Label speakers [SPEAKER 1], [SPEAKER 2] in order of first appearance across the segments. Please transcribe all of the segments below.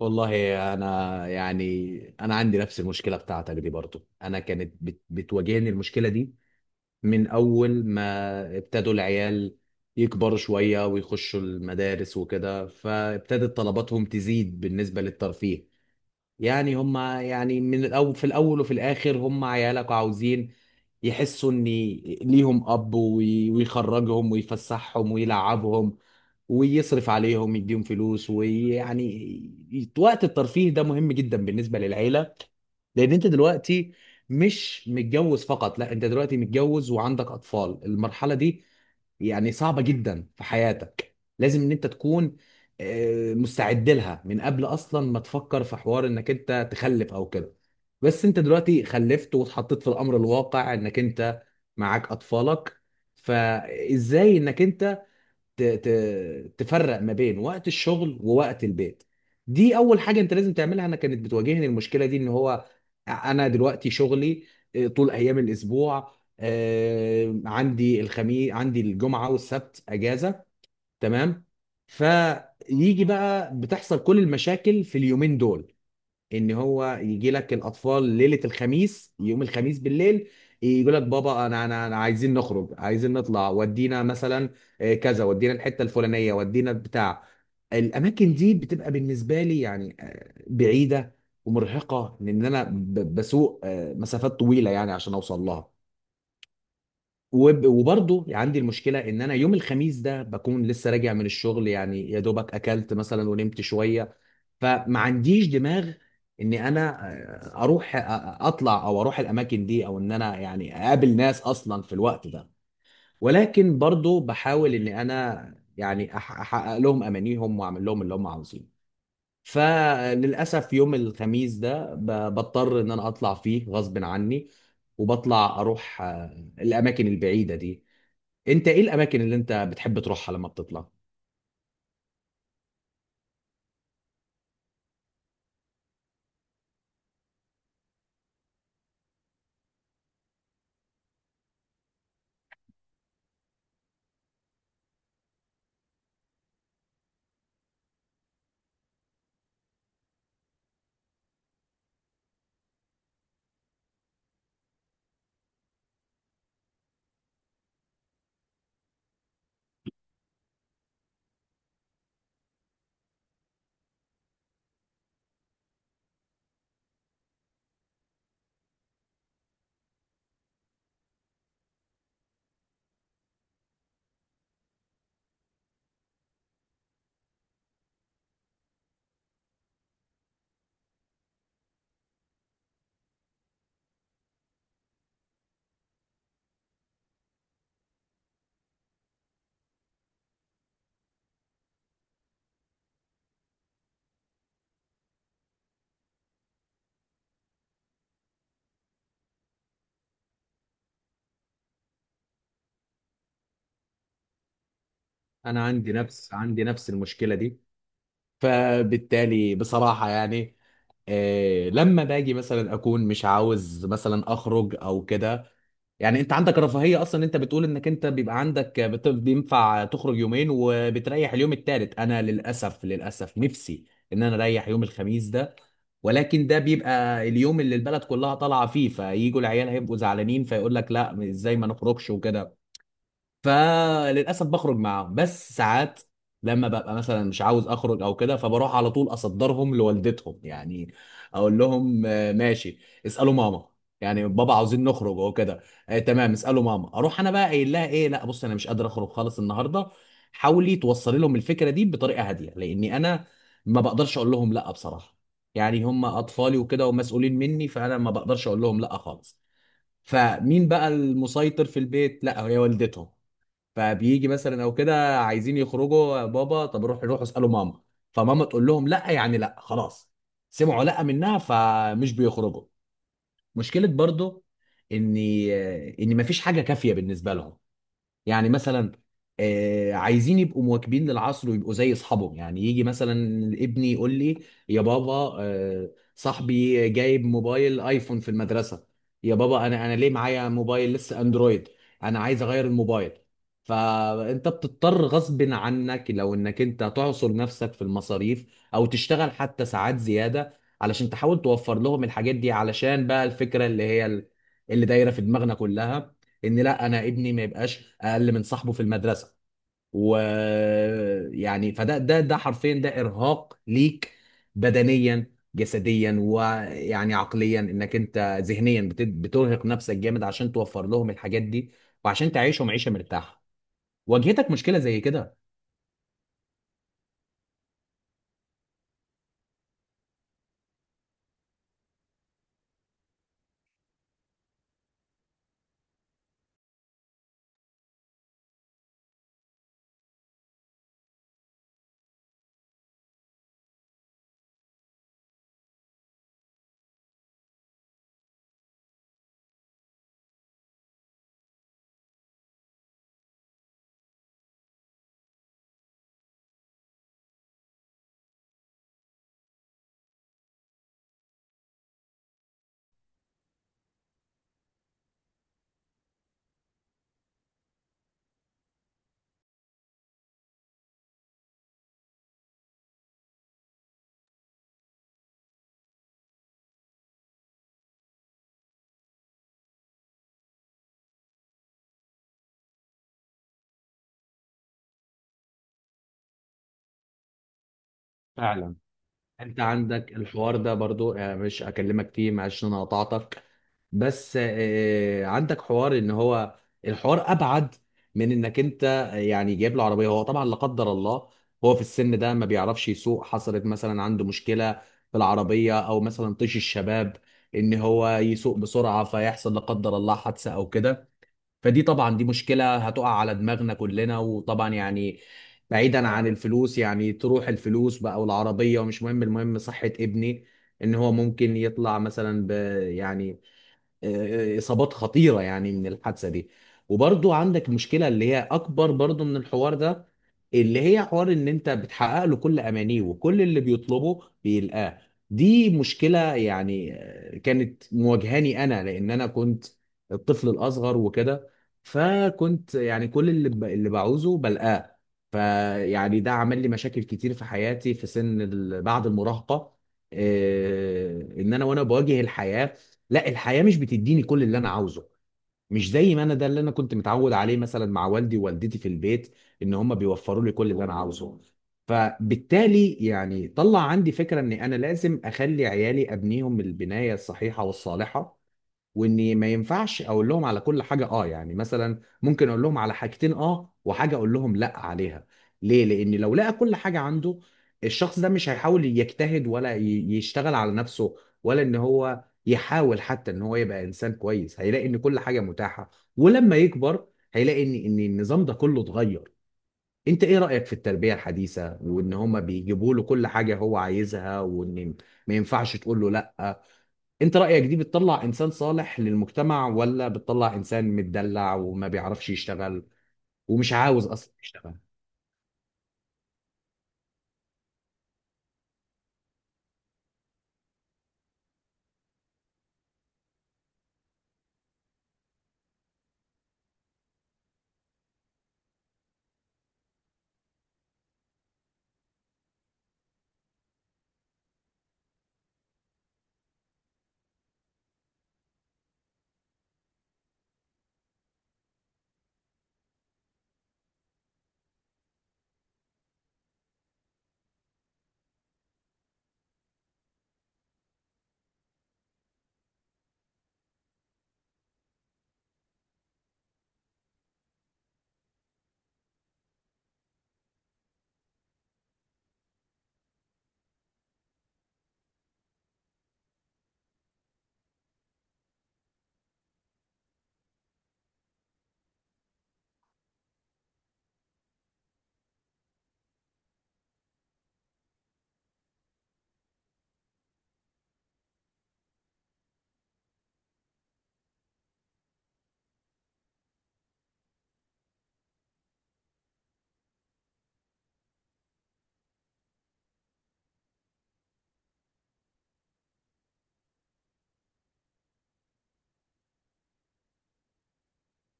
[SPEAKER 1] والله، انا يعني انا عندي نفس المشكله بتاعتك دي. برضو انا كانت بتواجهني المشكله دي من اول ما ابتدوا العيال يكبروا شويه ويخشوا المدارس وكده، فابتدت طلباتهم تزيد بالنسبه للترفيه. يعني هم، يعني من الاول، في الاول وفي الاخر هم عيالك وعاوزين يحسوا ان ليهم اب ويخرجهم ويفسحهم ويلعبهم ويصرف عليهم يديهم فلوس، ويعني وقت الترفيه ده مهم جدا بالنسبة للعيلة. لان انت دلوقتي مش متجوز فقط، لا، انت دلوقتي متجوز وعندك اطفال. المرحله دي يعني صعبه جدا في حياتك، لازم ان انت تكون مستعد لها من قبل اصلا ما تفكر في حوار انك انت تخلف او كده. بس انت دلوقتي خلفت واتحطيت في الامر الواقع انك انت معاك اطفالك، فازاي انك انت تفرق ما بين وقت الشغل ووقت البيت؟ دي اول حاجه انت لازم تعملها. انا كانت بتواجهني المشكله دي، ان هو انا دلوقتي شغلي طول ايام الاسبوع، عندي الخميس، عندي الجمعه والسبت اجازه. تمام. فيجي بقى بتحصل كل المشاكل في اليومين دول، ان هو يجي لك الاطفال ليله الخميس، يوم الخميس بالليل يقول لك: بابا، انا انا أنا عايزين نخرج، عايزين نطلع، ودينا مثلا كذا، ودينا الحته الفلانيه، ودينا بتاع. الاماكن دي بتبقى بالنسبه لي يعني بعيده ومرهقه، لان انا بسوق مسافات طويله يعني عشان اوصل لها. وبرضه عندي المشكله ان انا يوم الخميس ده بكون لسه راجع من الشغل، يعني يا دوبك اكلت مثلا ونمت شويه، فما عنديش دماغ ان انا اروح اطلع او اروح الاماكن دي، او ان انا يعني اقابل ناس اصلا في الوقت ده. ولكن برضه بحاول ان انا يعني احقق لهم امانيهم واعمل لهم اللي هم عاوزينه. فللاسف يوم الخميس ده بضطر ان انا اطلع فيه غصب عني، وبطلع اروح الاماكن البعيده دي. انت ايه الاماكن اللي انت بتحب تروحها لما بتطلع؟ انا عندي نفس المشكله دي. فبالتالي بصراحه يعني، لما باجي مثلا اكون مش عاوز مثلا اخرج او كده. يعني انت عندك رفاهيه اصلا، انت بتقول انك انت بيبقى عندك بينفع تخرج يومين وبتريح اليوم التالت. انا للاسف نفسي ان انا اريح يوم الخميس ده، ولكن ده بيبقى اليوم اللي البلد كلها طالعه فيه، فيجوا العيال هيبقوا زعلانين، فيقول لك: لا، ازاي ما نخرجش وكده. فللاسف بخرج معاهم. بس ساعات لما ببقى مثلا مش عاوز اخرج او كده، فبروح على طول اصدرهم لوالدتهم، يعني اقول لهم ماشي، اسالوا ماما. يعني: بابا عاوزين نخرج وكده. آه، تمام، اسالوا ماما. اروح انا بقى قايل لها ايه؟ لا، بص، انا مش قادر اخرج خالص النهارده، حاولي توصلي لهم الفكره دي بطريقه هاديه، لاني انا ما بقدرش اقول لهم لا بصراحه. يعني هم اطفالي وكده ومسؤولين مني، فانا ما بقدرش اقول لهم لا خالص. فمين بقى المسيطر في البيت؟ لا، هي والدتهم. فبيجي مثلا او كده عايزين يخرجوا يا بابا، طب روحوا اسالوا ماما. فماما تقول لهم لا، يعني لا، خلاص. سمعوا لا منها، فمش بيخرجوا. مشكله برضو ان ان مفيش حاجه كافيه بالنسبه لهم. يعني مثلا، عايزين يبقوا مواكبين للعصر ويبقوا زي اصحابهم. يعني يجي مثلا ابني يقول لي: يا بابا، صاحبي جايب موبايل ايفون في المدرسة. يا بابا، انا ليه معايا موبايل لسه اندرويد؟ انا عايز اغير الموبايل. فانت بتضطر غصب عنك لو انك انت تعصر نفسك في المصاريف او تشتغل حتى ساعات زيادة، علشان تحاول توفر لهم الحاجات دي، علشان بقى الفكرة اللي هي اللي دايرة في دماغنا كلها ان لا، انا ابني ما يبقاش اقل من صاحبه في المدرسه. ويعني فده ده ده حرفيا ده ارهاق ليك بدنيا جسديا، ويعني عقليا انك انت ذهنيا بترهق نفسك جامد عشان توفر لهم الحاجات دي وعشان تعيشهم عيشه مرتاحه. واجهتك مشكله زي كده؟ فعلا. انت عندك الحوار ده برضو، مش اكلمك فيه، معلش إن انا قطعتك. بس عندك حوار ان هو الحوار ابعد من انك انت يعني جايب له عربيه. هو طبعا لا قدر الله هو في السن ده ما بيعرفش يسوق، حصلت مثلا عنده مشكله في العربيه، او مثلا طيش الشباب، ان هو يسوق بسرعه فيحصل لا قدر الله حادثه او كده. فدي طبعا دي مشكله هتقع على دماغنا كلنا، وطبعا يعني بعيدا عن الفلوس، يعني تروح الفلوس بقى والعربيه ومش مهم، المهم صحه ابني. ان هو ممكن يطلع مثلا يعني اصابات خطيره يعني من الحادثه دي. وبرضو عندك مشكله اللي هي اكبر برضو من الحوار ده، اللي هي حوار ان انت بتحقق له كل امانيه وكل اللي بيطلبه بيلقاه. دي مشكله يعني كانت مواجهاني انا، لان انا كنت الطفل الاصغر وكده. فكنت يعني كل اللي بعوزه بلقاه. فيعني ده عمل لي مشاكل كتير في حياتي في بعد المراهقه. ان انا وانا بواجه الحياه، لا، الحياه مش بتديني كل اللي انا عاوزه، مش زي ما انا ده اللي انا كنت متعود عليه مثلا مع والدي ووالدتي في البيت، ان هم بيوفروا لي كل اللي انا عاوزه. فبالتالي يعني طلع عندي فكره ان انا لازم اخلي عيالي ابنيهم البنايه الصحيحه والصالحه، واني ما ينفعش اقول لهم على كل حاجه اه. يعني مثلا ممكن اقول لهم على حاجتين اه وحاجه اقول لهم لا عليها. ليه؟ لان لو لقى كل حاجه عنده، الشخص ده مش هيحاول يجتهد ولا يشتغل على نفسه، ولا ان هو يحاول حتى ان هو يبقى انسان كويس. هيلاقي ان كل حاجه متاحه، ولما يكبر هيلاقي ان النظام ده كله اتغير. انت ايه رايك في التربيه الحديثه، وان هما بيجيبوا له كل حاجه هو عايزها، وان ما ينفعش تقول له لا؟ انت رأيك دي بتطلع انسان صالح للمجتمع ولا بتطلع انسان متدلع وما بيعرفش يشتغل ومش عاوز اصلا يشتغل؟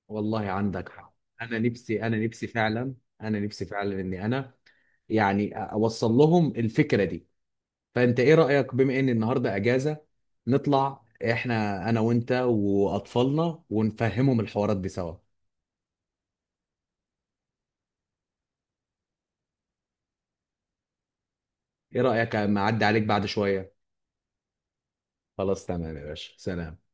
[SPEAKER 1] والله عندك حق. انا نفسي انا نفسي فعلا انا نفسي فعلا اني يعني اوصل لهم الفكرة دي. فانت ايه رأيك، بما ان النهاردة اجازة، نطلع احنا انا وانت واطفالنا ونفهمهم الحوارات دي سوا؟ ايه رأيك اما اعدي عليك بعد شوية؟ خلاص، تمام يا باشا، سلام.